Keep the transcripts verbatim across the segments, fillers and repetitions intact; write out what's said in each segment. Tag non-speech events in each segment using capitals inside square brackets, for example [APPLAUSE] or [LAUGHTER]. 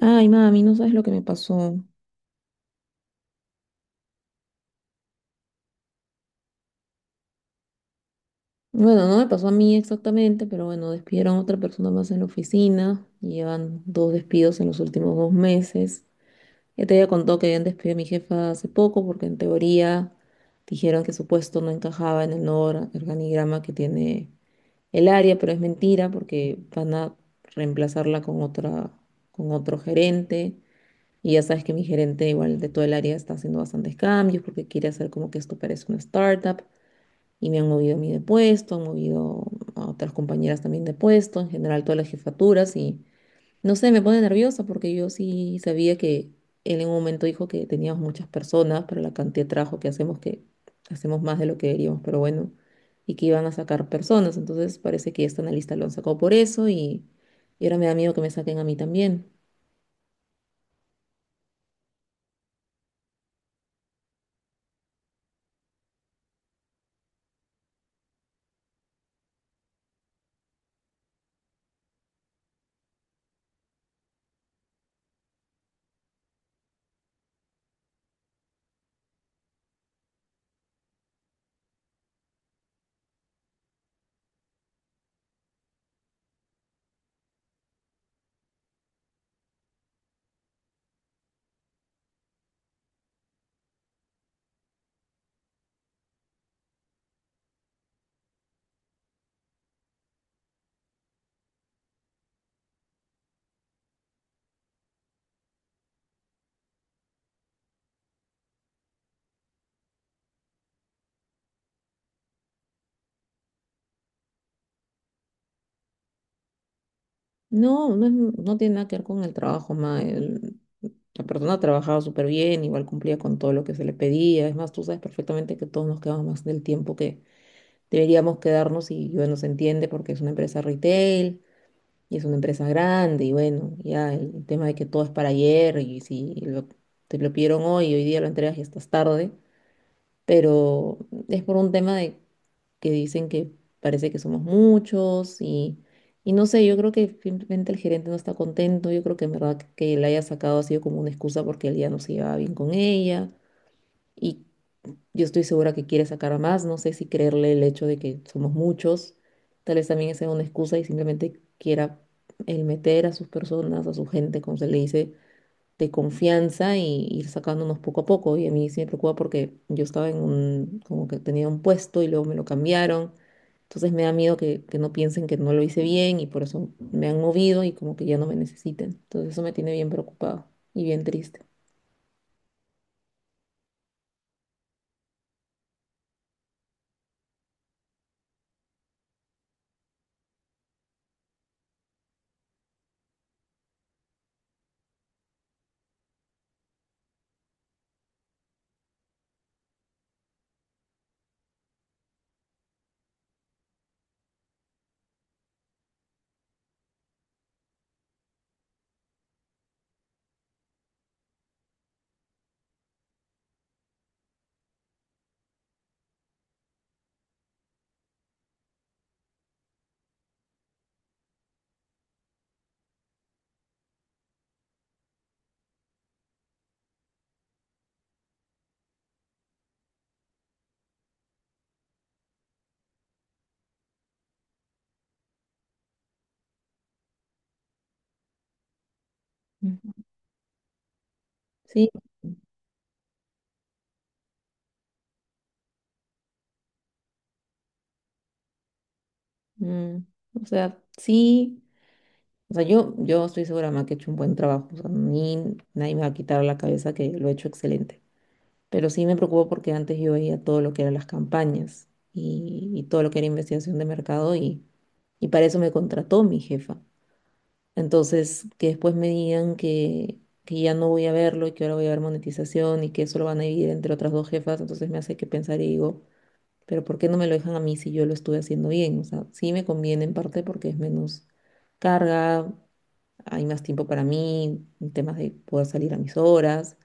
Ay, mami, no sabes lo que me pasó. Bueno, no me pasó a mí exactamente, pero bueno, despidieron a otra persona más en la oficina y llevan dos despidos en los últimos dos meses. Ya te había contado que habían despedido a mi jefa hace poco porque en teoría dijeron que su puesto no encajaba en el nuevo or- organigrama que tiene el área, pero es mentira porque van a reemplazarla con otra, con otro gerente. Y ya sabes que mi gerente, igual de todo el área, está haciendo bastantes cambios porque quiere hacer como que esto parece una startup, y me han movido a mí de puesto, han movido a otras compañeras también de puesto, en general todas las jefaturas y no sé, me pone nerviosa porque yo sí sabía que él en un momento dijo que teníamos muchas personas para la cantidad de trabajo que hacemos, que hacemos más de lo que deberíamos, pero bueno, y que iban a sacar personas, entonces parece que esta analista lo han sacado por eso y, y ahora me da miedo que me saquen a mí también. No, no, es- no tiene nada que ver con el trabajo, ma. El- la persona trabajaba súper bien, igual cumplía con todo lo que se le pedía. Es más, tú sabes perfectamente que todos nos quedamos más del tiempo que deberíamos quedarnos y bueno, se entiende porque es una empresa retail y es una empresa grande y bueno, ya el tema de que todo es para ayer y si lo- te lo pidieron hoy, hoy día lo entregas y estás tarde, pero es por un tema de que dicen que parece que somos muchos y, y no sé, yo creo que simplemente el gerente no está contento, yo creo que en verdad que la haya sacado ha sido como una excusa porque él ya no se llevaba bien con ella y yo estoy segura que quiere sacar a más, no sé si creerle el hecho de que somos muchos, tal vez también sea una excusa y simplemente quiera el meter a sus personas, a su gente, como se le dice de confianza y ir sacándonos poco a poco. Y a mí sí me preocupa porque yo estaba en un, como que tenía un puesto y luego me lo cambiaron. Entonces me da miedo que, que no piensen que no lo hice bien y por eso me han movido y como que ya no me necesiten. Entonces eso me tiene bien preocupado y bien triste. Ujú. Sí, mm, o sea, sí, o sea, yo, yo estoy segura, ma, que he hecho un buen trabajo. O sea, a nadie me va a quitar la cabeza que lo he hecho excelente. Pero sí me preocupa porque antes yo veía todo lo que eran las campañas y, y todo lo que era investigación de mercado y, y para eso me contrató mi jefa. Entonces, que después me digan que, que ya no voy a verlo y que ahora voy a ver monetización y que eso lo van a dividir entre otras dos jefas, entonces me hace que pensar y digo, pero ¿por qué no me lo dejan a mí si yo lo estuve haciendo bien? O sea, sí me conviene en parte porque es menos carga, hay más tiempo para mí, en temas de poder salir a mis horas,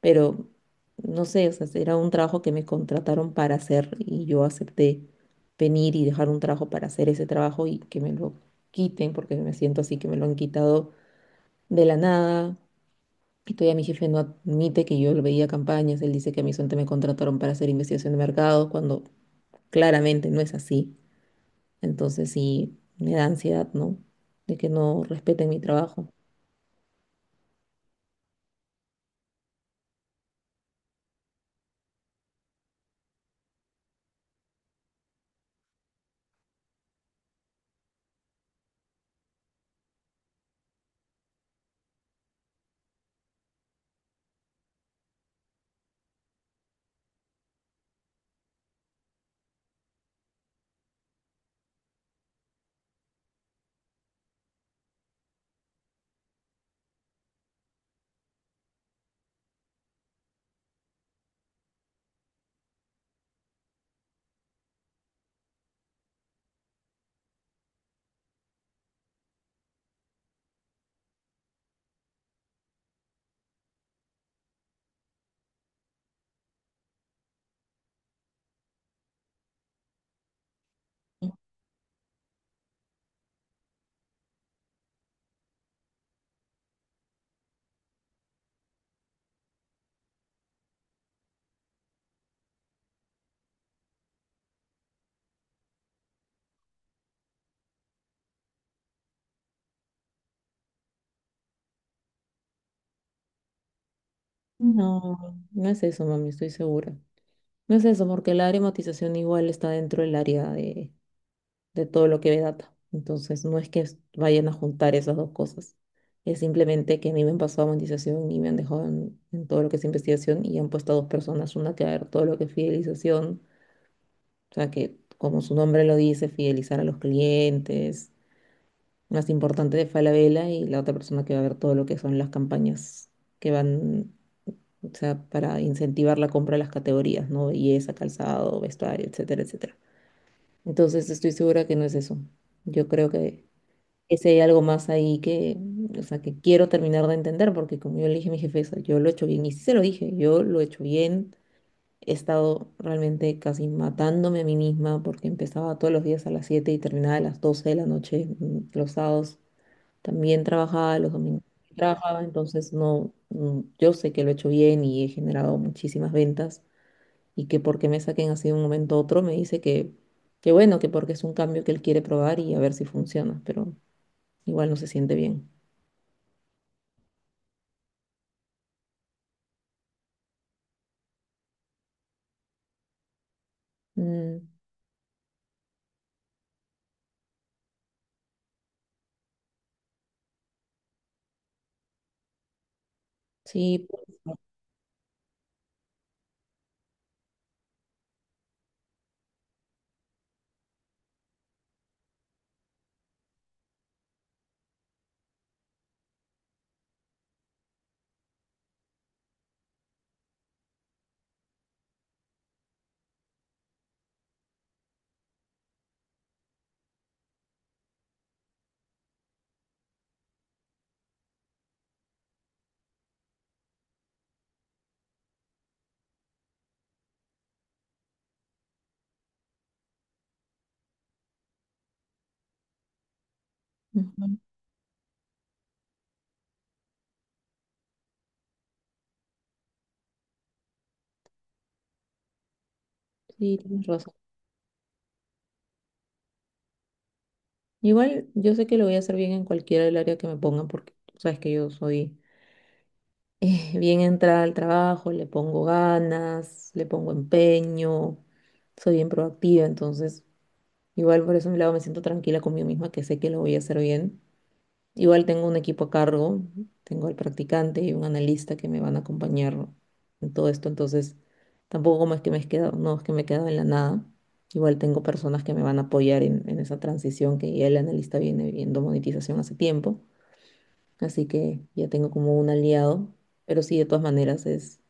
pero no sé, o sea, era un trabajo que me contrataron para hacer y yo acepté venir y dejar un trabajo para hacer ese trabajo y que me lo quiten porque me siento así que me lo han quitado de la nada. Y todavía mi jefe no admite que yo lo veía campañas, él dice que a mí solamente me contrataron para hacer investigación de mercado cuando claramente no es así. Entonces sí, me da ansiedad, ¿no? De que no respeten mi trabajo. No, no es eso, mami, estoy segura. No es eso, porque la área de igual está dentro del área de, de todo lo que ve data. Entonces, no es que es- vayan a juntar esas dos cosas. Es simplemente que a mí me han pasado monetización y me han dejado en, en todo lo que es investigación y han puesto a dos personas, una que va a ver todo lo que es fidelización, o sea que, como su nombre lo dice, fidelizar a los clientes, más importante de Falabella, y la otra persona que va a ver todo lo que son las campañas que van, o sea, para incentivar la compra de las categorías, ¿no? Belleza, calzado, vestuario, etcétera, etcétera. Entonces estoy segura que no es eso. Yo creo que ese hay algo más ahí que, o sea, que quiero terminar de entender, porque como yo le dije a mi jefeza, yo lo he hecho bien, y sí se lo dije, yo lo he hecho bien, he estado realmente casi matándome a mí misma, porque empezaba todos los días a las siete y terminaba a las doce de la noche, mm, los sábados también trabajaba, los domingos también trabajaba, entonces no, mm, yo sé que lo he hecho bien y he generado muchísimas ventas y que por qué me saquen así de un momento a otro, me dice que, que bueno, que porque es un cambio que él quiere probar y a ver si funciona, pero igual no se siente bien. Mm, sí, puede ser. Ujú, sí, tienes razón. Igual yo sé que lo voy a hacer bien en cualquiera del área que me pongan, porque tú sabes que yo soy [LAUGHS] eh, bien entrada al trabajo, le pongo ganas, le pongo empeño, soy bien proactiva, entonces igual por ese lado me siento tranquila conmigo misma que sé que lo voy a hacer bien. Igual tengo un equipo a cargo, tengo al practicante y un analista que me van a acompañar en todo esto, entonces tampoco como es que me he quedado, no es que me he quedado en la nada. Igual tengo personas que me van a apoyar en, en esa transición que ya el analista viene viendo monetización hace tiempo, así que ya tengo como un aliado, pero sí, de todas maneras es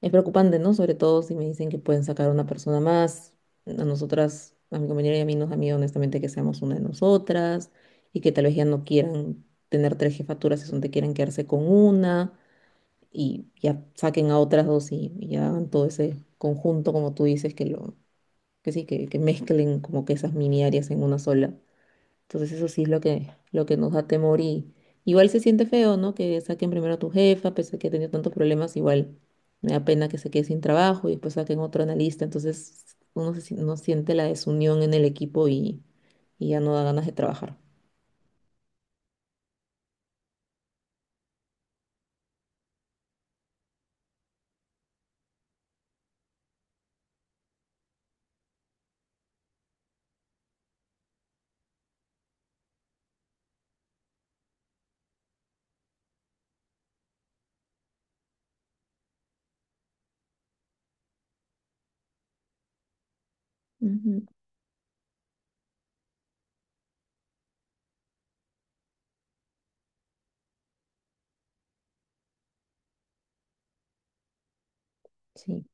es preocupante, ¿no? Sobre todo si me dicen que pueden sacar a una persona más. A nosotras, a mi compañera y a mí nos da miedo honestamente que seamos una de nosotras y que tal vez ya no quieran tener tres jefaturas, si te quieran quedarse con una y ya saquen a otras dos y, y ya hagan todo ese conjunto, como tú dices, que lo, que sí, que, que mezclen como que esas mini áreas en una sola. Entonces eso sí es lo que, lo que nos da temor y igual se siente feo, ¿no? Que saquen primero a tu jefa, pese a que ha tenido tantos problemas, igual me da pena que se quede sin trabajo y después saquen otro analista. Entonces uno, se si- uno siente la desunión en el equipo y, y ya no da ganas de trabajar. Ujú. Sí,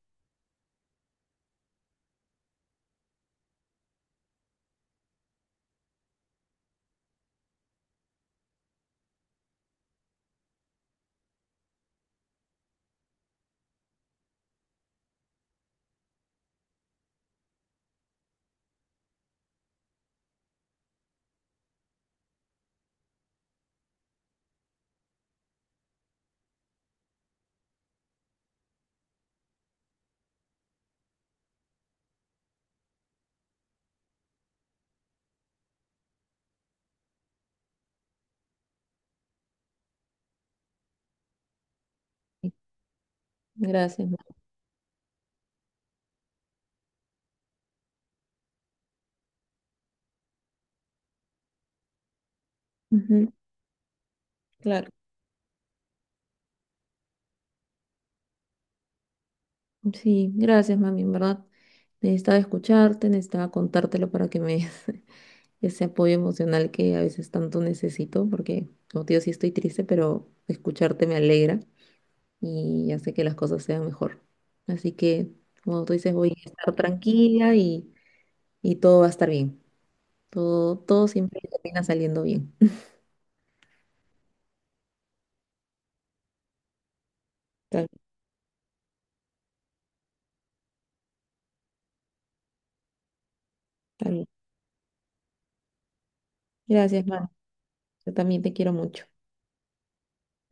sí. Gracias. ma- Ujú. Claro, sí, gracias, mami, en verdad. Necesitaba escucharte, necesitaba contártelo para que me ese apoyo emocional que a veces tanto necesito, porque, como te digo, sí estoy triste, pero escucharte me alegra y hace que las cosas sean mejor. Así que, como tú dices, voy a estar tranquila y, y todo va a estar bien. Todo, todo siempre termina saliendo bien. [LAUGHS] Tal, tal. Gracias, Mar. Yo también te quiero mucho.